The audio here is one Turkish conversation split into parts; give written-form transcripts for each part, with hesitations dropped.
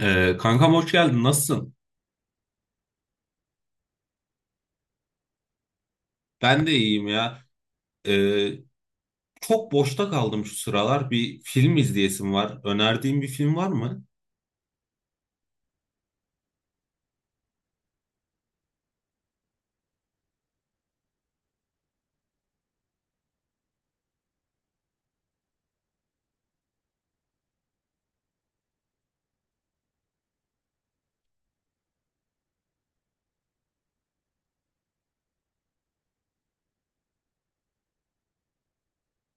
Kankam hoş geldin. Nasılsın? Ben de iyiyim ya. Ee, Çok boşta kaldım şu sıralar. Bir film izleyesim var. Önerdiğin bir film var mı?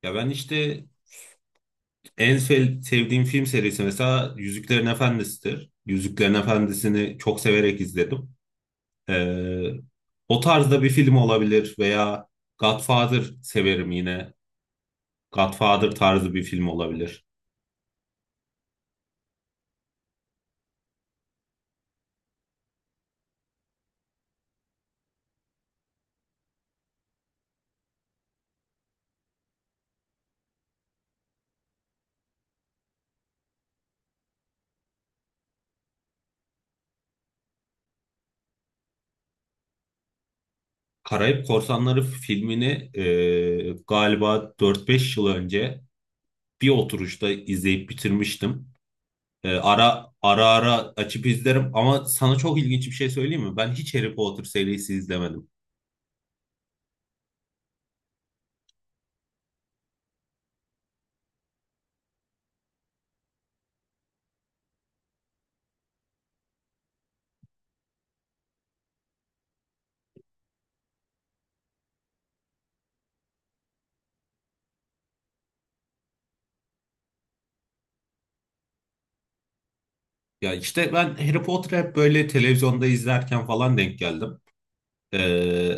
Ya ben işte sevdiğim film serisi mesela Yüzüklerin Efendisi'dir. Yüzüklerin Efendisi'ni çok severek izledim. Ee, O tarzda bir film olabilir veya Godfather severim yine. Godfather tarzı bir film olabilir. Karayip Korsanları filmini galiba dört beş yıl önce bir oturuşta izleyip bitirmiştim. Ara ara açıp izlerim ama sana çok ilginç bir şey söyleyeyim mi? Ben hiç Harry Potter serisi izlemedim. Ya işte ben Harry Potter'ı hep böyle televizyonda izlerken falan denk geldim. Ee,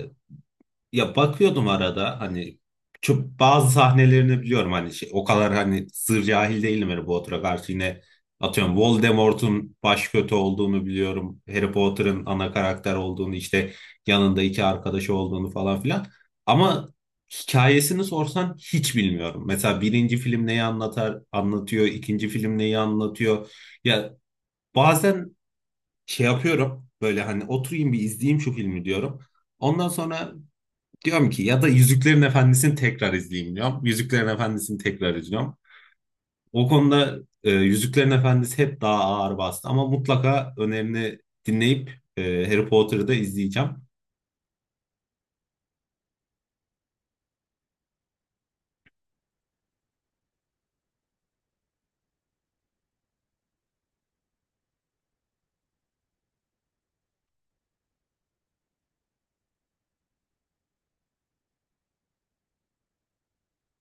Ya bakıyordum arada hani çok bazı sahnelerini biliyorum hani şey, o kadar hani sır cahil değilim Harry Potter'a karşı yine atıyorum Voldemort'un baş kötü olduğunu biliyorum. Harry Potter'ın ana karakter olduğunu işte yanında iki arkadaşı olduğunu falan filan. Ama hikayesini sorsan hiç bilmiyorum. Mesela birinci film neyi anlatıyor, ikinci film neyi anlatıyor. Ya bazen şey yapıyorum böyle hani oturayım bir izleyeyim şu filmi diyorum. Ondan sonra diyorum ki ya da Yüzüklerin Efendisi'ni tekrar izleyeyim diyorum. Yüzüklerin Efendisi'ni tekrar izliyorum. O konuda Yüzüklerin Efendisi hep daha ağır bastı ama mutlaka önerini dinleyip e, Harry Potter'ı da izleyeceğim.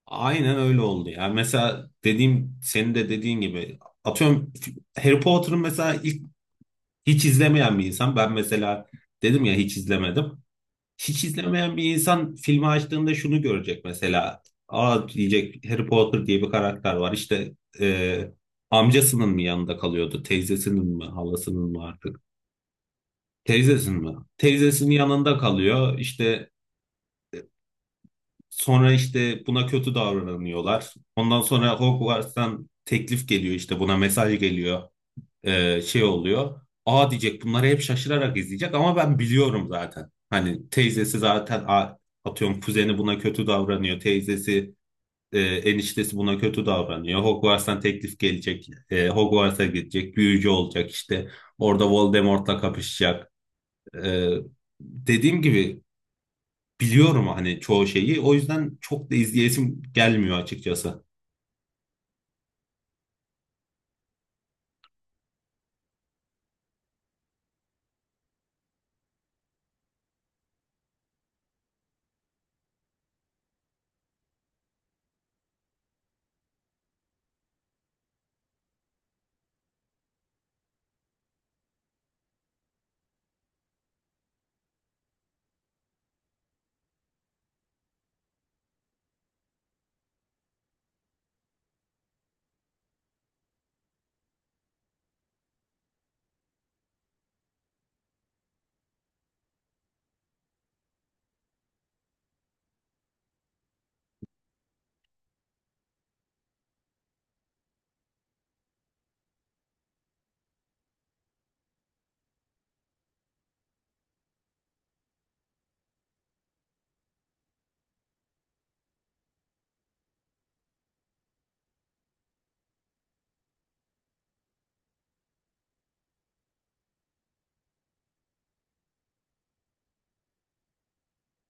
Aynen öyle oldu ya. Mesela dediğim senin de dediğin gibi atıyorum Harry Potter'ın mesela ilk hiç izlemeyen bir insan. Ben mesela dedim ya hiç izlemedim. Hiç izlemeyen bir insan filmi açtığında şunu görecek mesela. Aa diyecek Harry Potter diye bir karakter var. İşte e, amcasının mı yanında kalıyordu? Teyzesinin mi? Halasının mı artık? Teyzesinin mi? Teyzesinin yanında kalıyor. İşte sonra işte buna kötü davranıyorlar. Ondan sonra Hogwarts'tan teklif geliyor işte buna mesaj geliyor. Şey oluyor. Aa diyecek bunları hep şaşırarak izleyecek ama ben biliyorum zaten. Hani teyzesi zaten atıyorum kuzeni buna kötü davranıyor. Teyzesi, eniştesi buna kötü davranıyor. Hogwarts'tan teklif gelecek. E, Hogwarts'a gidecek. Büyücü olacak işte. Orada Voldemort'la kapışacak. E, Dediğim gibi biliyorum hani çoğu şeyi. O yüzden çok da izleyesim gelmiyor açıkçası.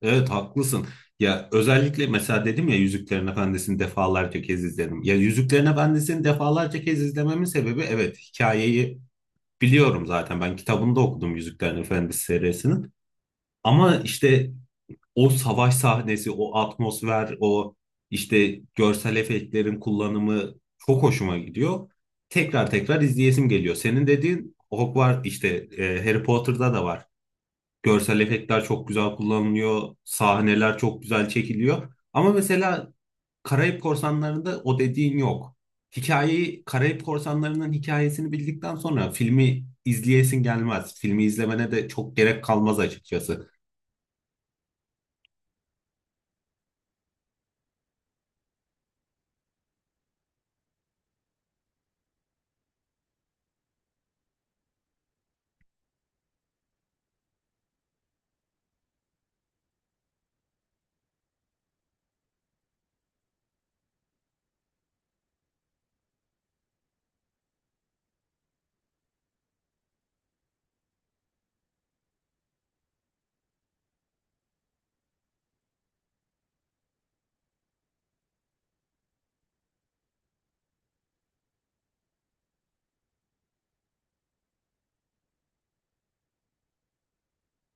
Evet haklısın. Ya özellikle mesela dedim ya Yüzüklerin Efendisi'ni defalarca kez izledim. Ya Yüzüklerin Efendisi'ni defalarca kez izlememin sebebi, evet, hikayeyi biliyorum zaten. Ben kitabını da okudum Yüzüklerin Efendisi serisinin. Ama işte o savaş sahnesi, o atmosfer, o işte görsel efektlerin kullanımı çok hoşuma gidiyor. Tekrar tekrar izleyesim geliyor. Senin dediğin Hogwarts işte Harry Potter'da da var. Görsel efektler çok güzel kullanılıyor. Sahneler çok güzel çekiliyor. Ama mesela Karayip Korsanları'nda o dediğin yok. Hikayeyi, Karayip Korsanları'nın hikayesini bildikten sonra filmi izleyesin gelmez. Filmi izlemene de çok gerek kalmaz açıkçası.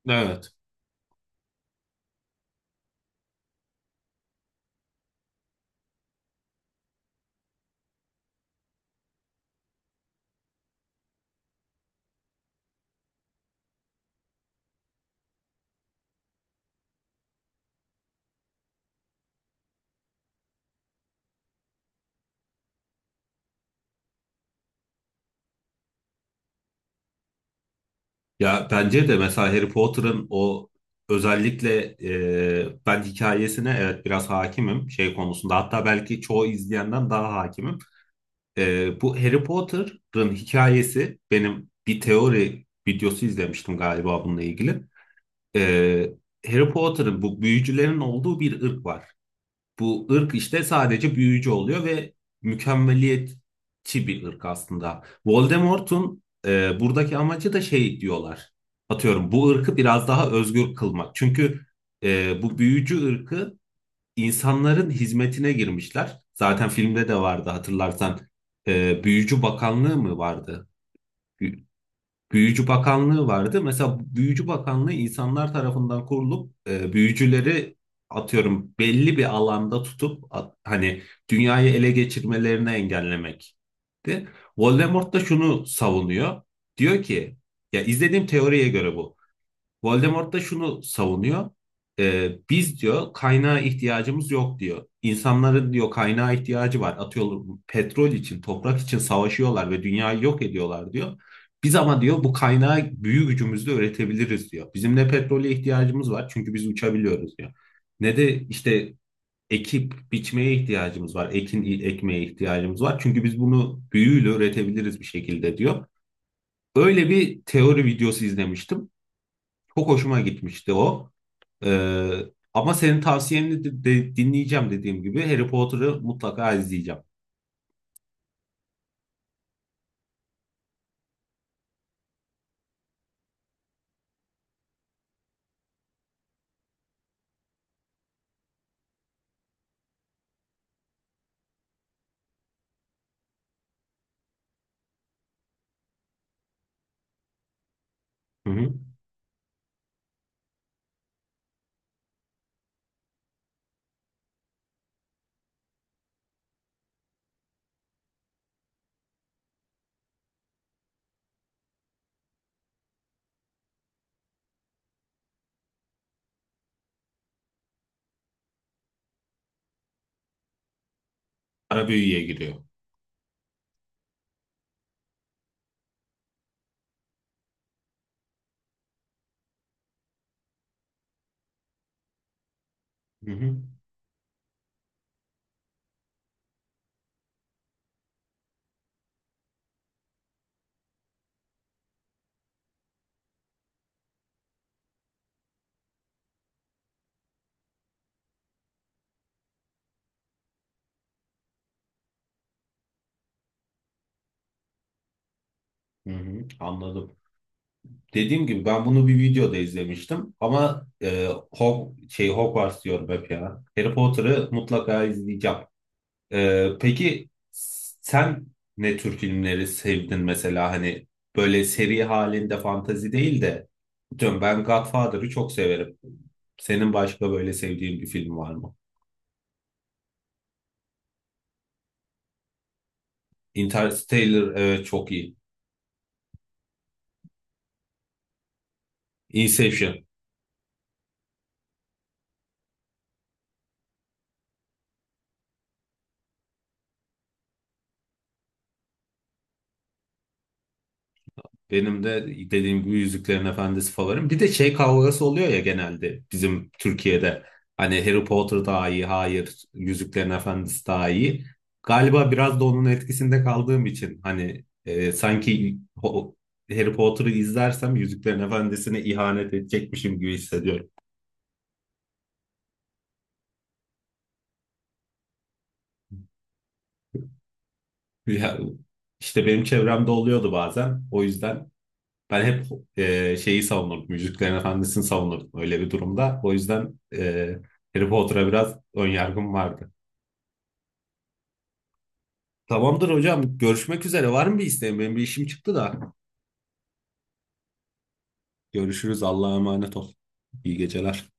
Evet. Ya bence de mesela Harry Potter'ın o özellikle ben hikayesine evet biraz hakimim şey konusunda hatta belki çoğu izleyenden daha hakimim. Bu Harry Potter'ın hikayesi benim bir teori videosu izlemiştim galiba bununla ilgili. E, Harry Potter'ın bu büyücülerin olduğu bir ırk var. Bu ırk işte sadece büyücü oluyor ve mükemmeliyetçi bir ırk aslında. Voldemort'un buradaki amacı da şey diyorlar. Atıyorum bu ırkı biraz daha özgür kılmak. Çünkü bu büyücü ırkı insanların hizmetine girmişler. Zaten filmde de vardı hatırlarsan. E, Büyücü Bakanlığı mı vardı? Büyücü Bakanlığı vardı. Mesela Büyücü Bakanlığı insanlar tarafından kurulup büyücüleri atıyorum belli bir alanda tutup hani dünyayı ele geçirmelerini engellemekti. Voldemort da şunu savunuyor. Diyor ki ya izlediğim teoriye göre bu. Voldemort da şunu savunuyor. Biz diyor kaynağa ihtiyacımız yok diyor. İnsanların diyor kaynağa ihtiyacı var. Atıyorum petrol için, toprak için savaşıyorlar ve dünyayı yok ediyorlar diyor. Biz ama diyor bu kaynağı büyü gücümüzle üretebiliriz diyor. Bizim ne petrole ihtiyacımız var çünkü biz uçabiliyoruz diyor. Ne de işte ekip biçmeye ihtiyacımız var. Ekin ekmeye ihtiyacımız var. Çünkü biz bunu büyüyle üretebiliriz bir şekilde diyor. Öyle bir teori videosu izlemiştim. Çok hoşuma gitmişti o. Ee, Ama senin tavsiyeni de, dinleyeceğim dediğim gibi Harry Potter'ı mutlaka izleyeceğim. Hı hı. Ara büyüye giriyor. Hı hı. Hı hı. Anladım. Dediğim gibi ben bunu bir videoda izlemiştim ama Hogwarts diyorum hep ya. Harry Potter'ı mutlaka izleyeceğim. Peki sen ne tür filmleri sevdin mesela hani böyle seri halinde fantazi değil de diyorum ben Godfather'ı çok severim. Senin başka böyle sevdiğin bir film var mı? Interstellar evet çok iyi. Inception. Benim de dediğim gibi Yüzüklerin Efendisi favorim. Bir de şey kavgası oluyor ya genelde bizim Türkiye'de. Hani Harry Potter daha iyi, hayır, Yüzüklerin Efendisi daha iyi. Galiba biraz da onun etkisinde kaldığım için hani sanki Harry Potter'ı izlersem Yüzüklerin Efendisi'ne ihanet edecekmişim gibi hissediyorum. Ya, işte benim çevremde oluyordu bazen. O yüzden ben hep şeyi savunurdum. Yüzüklerin Efendisi'ni savunurdum öyle bir durumda. O yüzden Harry Potter'a biraz ön yargım vardı. Tamamdır hocam. Görüşmek üzere. Var mı bir isteğin? Benim bir işim çıktı da. Görüşürüz. Allah'a emanet ol. İyi geceler.